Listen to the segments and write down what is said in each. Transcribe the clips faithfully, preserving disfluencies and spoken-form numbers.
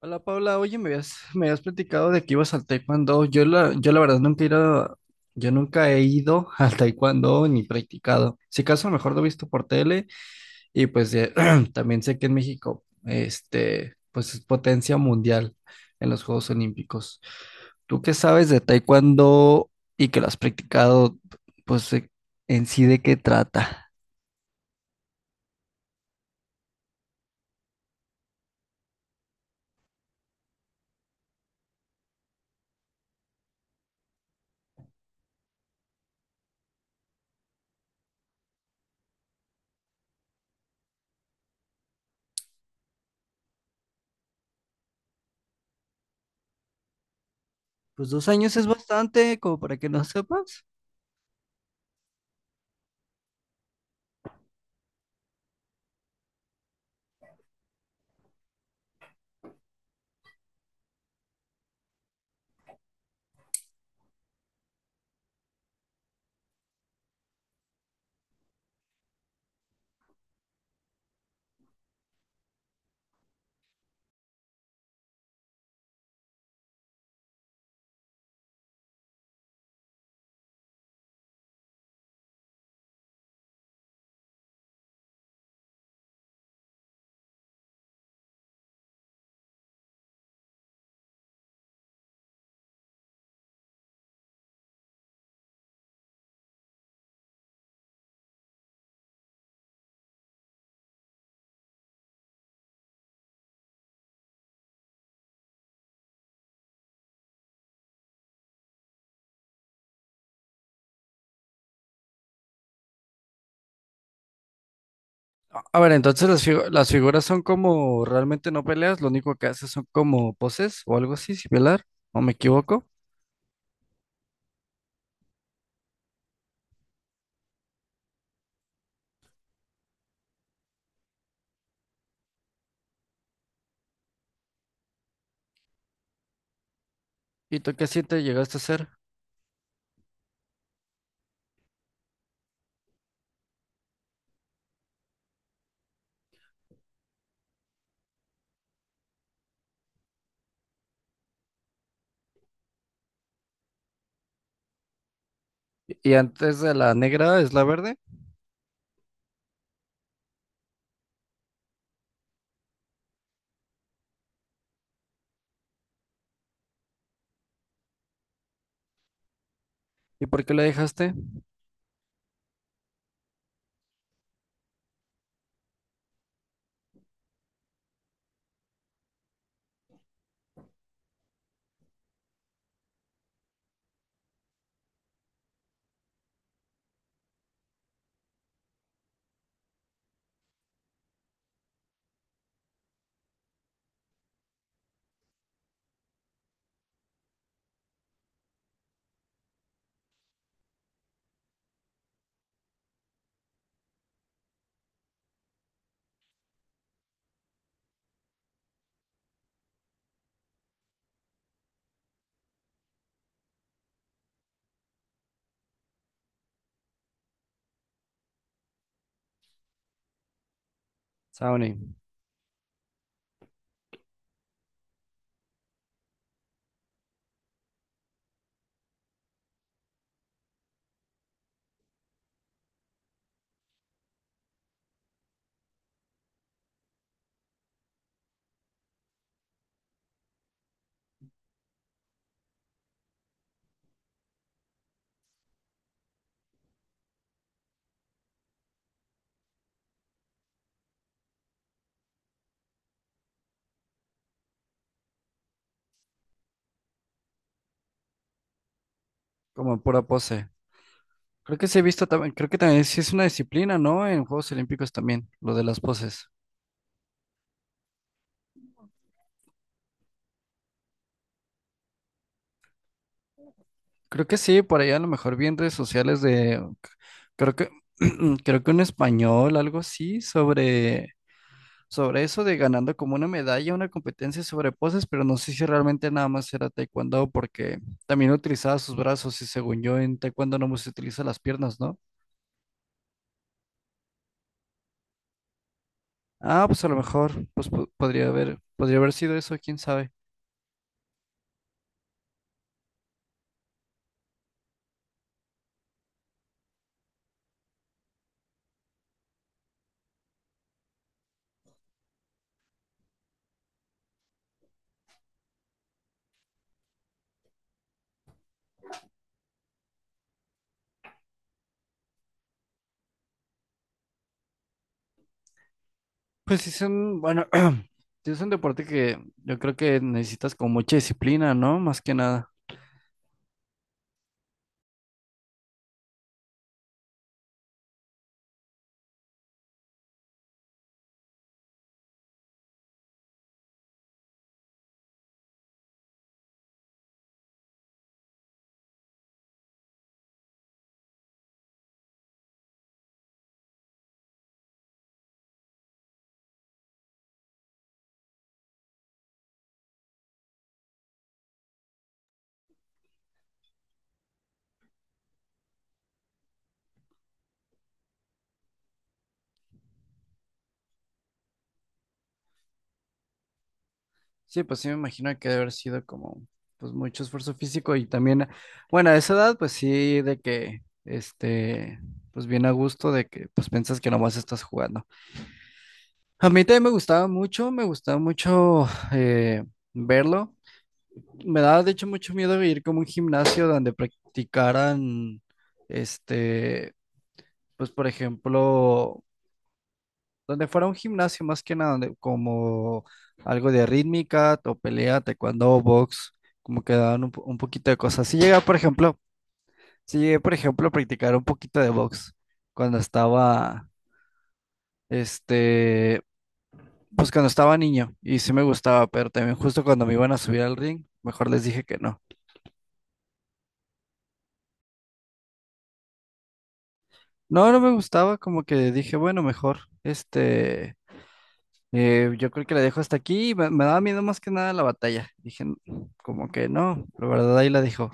Hola Paula, oye, me habías, me habías platicado de que ibas al taekwondo. Yo la, yo la verdad nunca he ido, yo nunca he ido al taekwondo ni practicado. Si acaso a lo mejor lo he visto por tele y pues eh, también sé que en México, este, pues es potencia mundial en los Juegos Olímpicos. ¿Tú qué sabes de taekwondo y que lo has practicado? Pues eh, en sí de qué trata. Pues dos años es bastante, como para que no sepas. A ver, entonces las, figu- las figuras son como realmente no peleas, lo único que haces son como poses o algo así similar, o me equivoco. ¿Y tú qué siete llegaste a hacer? Y antes de la negra es la verde, ¿y por qué la dejaste? Sauni, como en pura pose. Creo que sí he visto también, creo que también sí es una disciplina, ¿no? En Juegos Olímpicos también, lo de las poses. Creo que sí, por allá a lo mejor vi en redes sociales de, creo que, creo que un español, algo así, sobre sobre eso de ganando como una medalla, una competencia sobre poses, pero no sé si realmente nada más era taekwondo porque también utilizaba sus brazos y según yo en taekwondo no se utiliza las piernas, ¿no? Ah, pues a lo mejor, pues po- podría haber, podría haber sido eso, quién sabe. Pues sí es un, bueno, sí es un deporte que yo creo que necesitas con mucha disciplina, ¿no? Más que nada. Sí, pues sí me imagino que debe haber sido como pues mucho esfuerzo físico y también, bueno, a esa edad pues sí de que este pues bien a gusto de que pues piensas que nomás estás jugando. A mí también me gustaba mucho, me gustaba mucho eh, verlo. Me daba de hecho mucho miedo ir como a un gimnasio donde practicaran este pues por ejemplo donde fuera un gimnasio más que nada, donde como algo de rítmica o pelea, taekwondo, box, como que daban un, po- un poquito de cosas. Si llega, por ejemplo, si llegué, por ejemplo, a practicar un poquito de box cuando estaba, este, pues cuando estaba niño y sí me gustaba, pero también justo cuando me iban a subir al ring, mejor les dije que no. No, no me gustaba, como que dije, bueno, mejor, este, eh, yo creo que la dejo hasta aquí, me, me daba miedo más que nada la batalla. Dije, "N- como que no", la verdad ahí la dejo.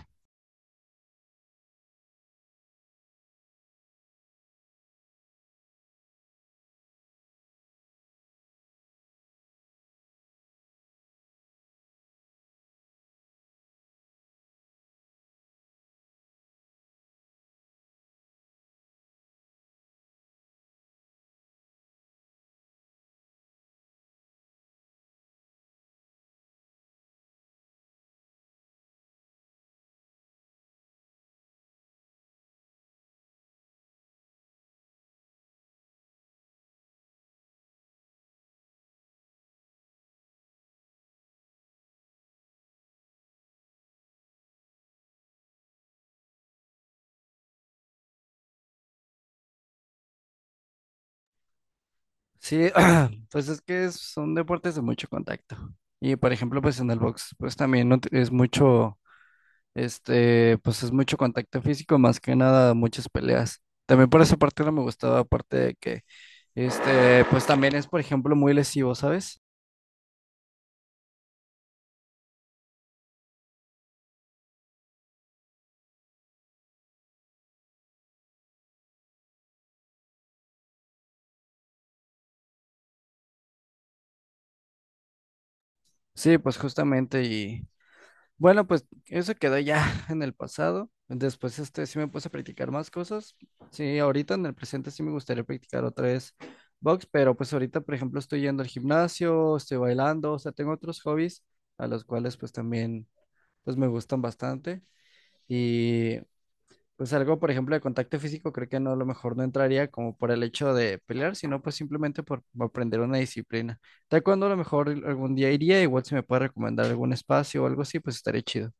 Sí, pues es que es- son deportes de mucho contacto. Y por ejemplo, pues en el box, pues también no te- es mucho, este, pues es mucho contacto físico, más que nada muchas peleas. También por esa parte no me gustaba, aparte de que, este, pues también es, por ejemplo, muy lesivo, ¿sabes? Sí, pues justamente bueno, pues eso quedó ya en el pasado. Después este sí me puse a practicar más cosas. Sí, ahorita en el presente sí me gustaría practicar otra vez box, pero pues ahorita, por ejemplo, estoy yendo al gimnasio, estoy bailando, o sea, tengo otros hobbies a los cuales pues también pues me gustan bastante y pues algo, por ejemplo, de contacto físico, creo que no a lo mejor no entraría como por el hecho de pelear, sino pues simplemente por aprender una disciplina. Taekwondo a lo mejor algún día iría, igual si me puede recomendar algún espacio o algo así, pues estaría chido.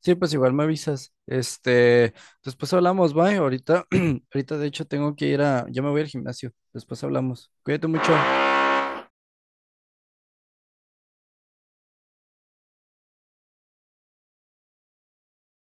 Sí, pues igual me avisas. Este, después hablamos, bye. Ahorita, ahorita de hecho tengo que ir a, ya me voy al gimnasio. Después hablamos. Cuídate mucho.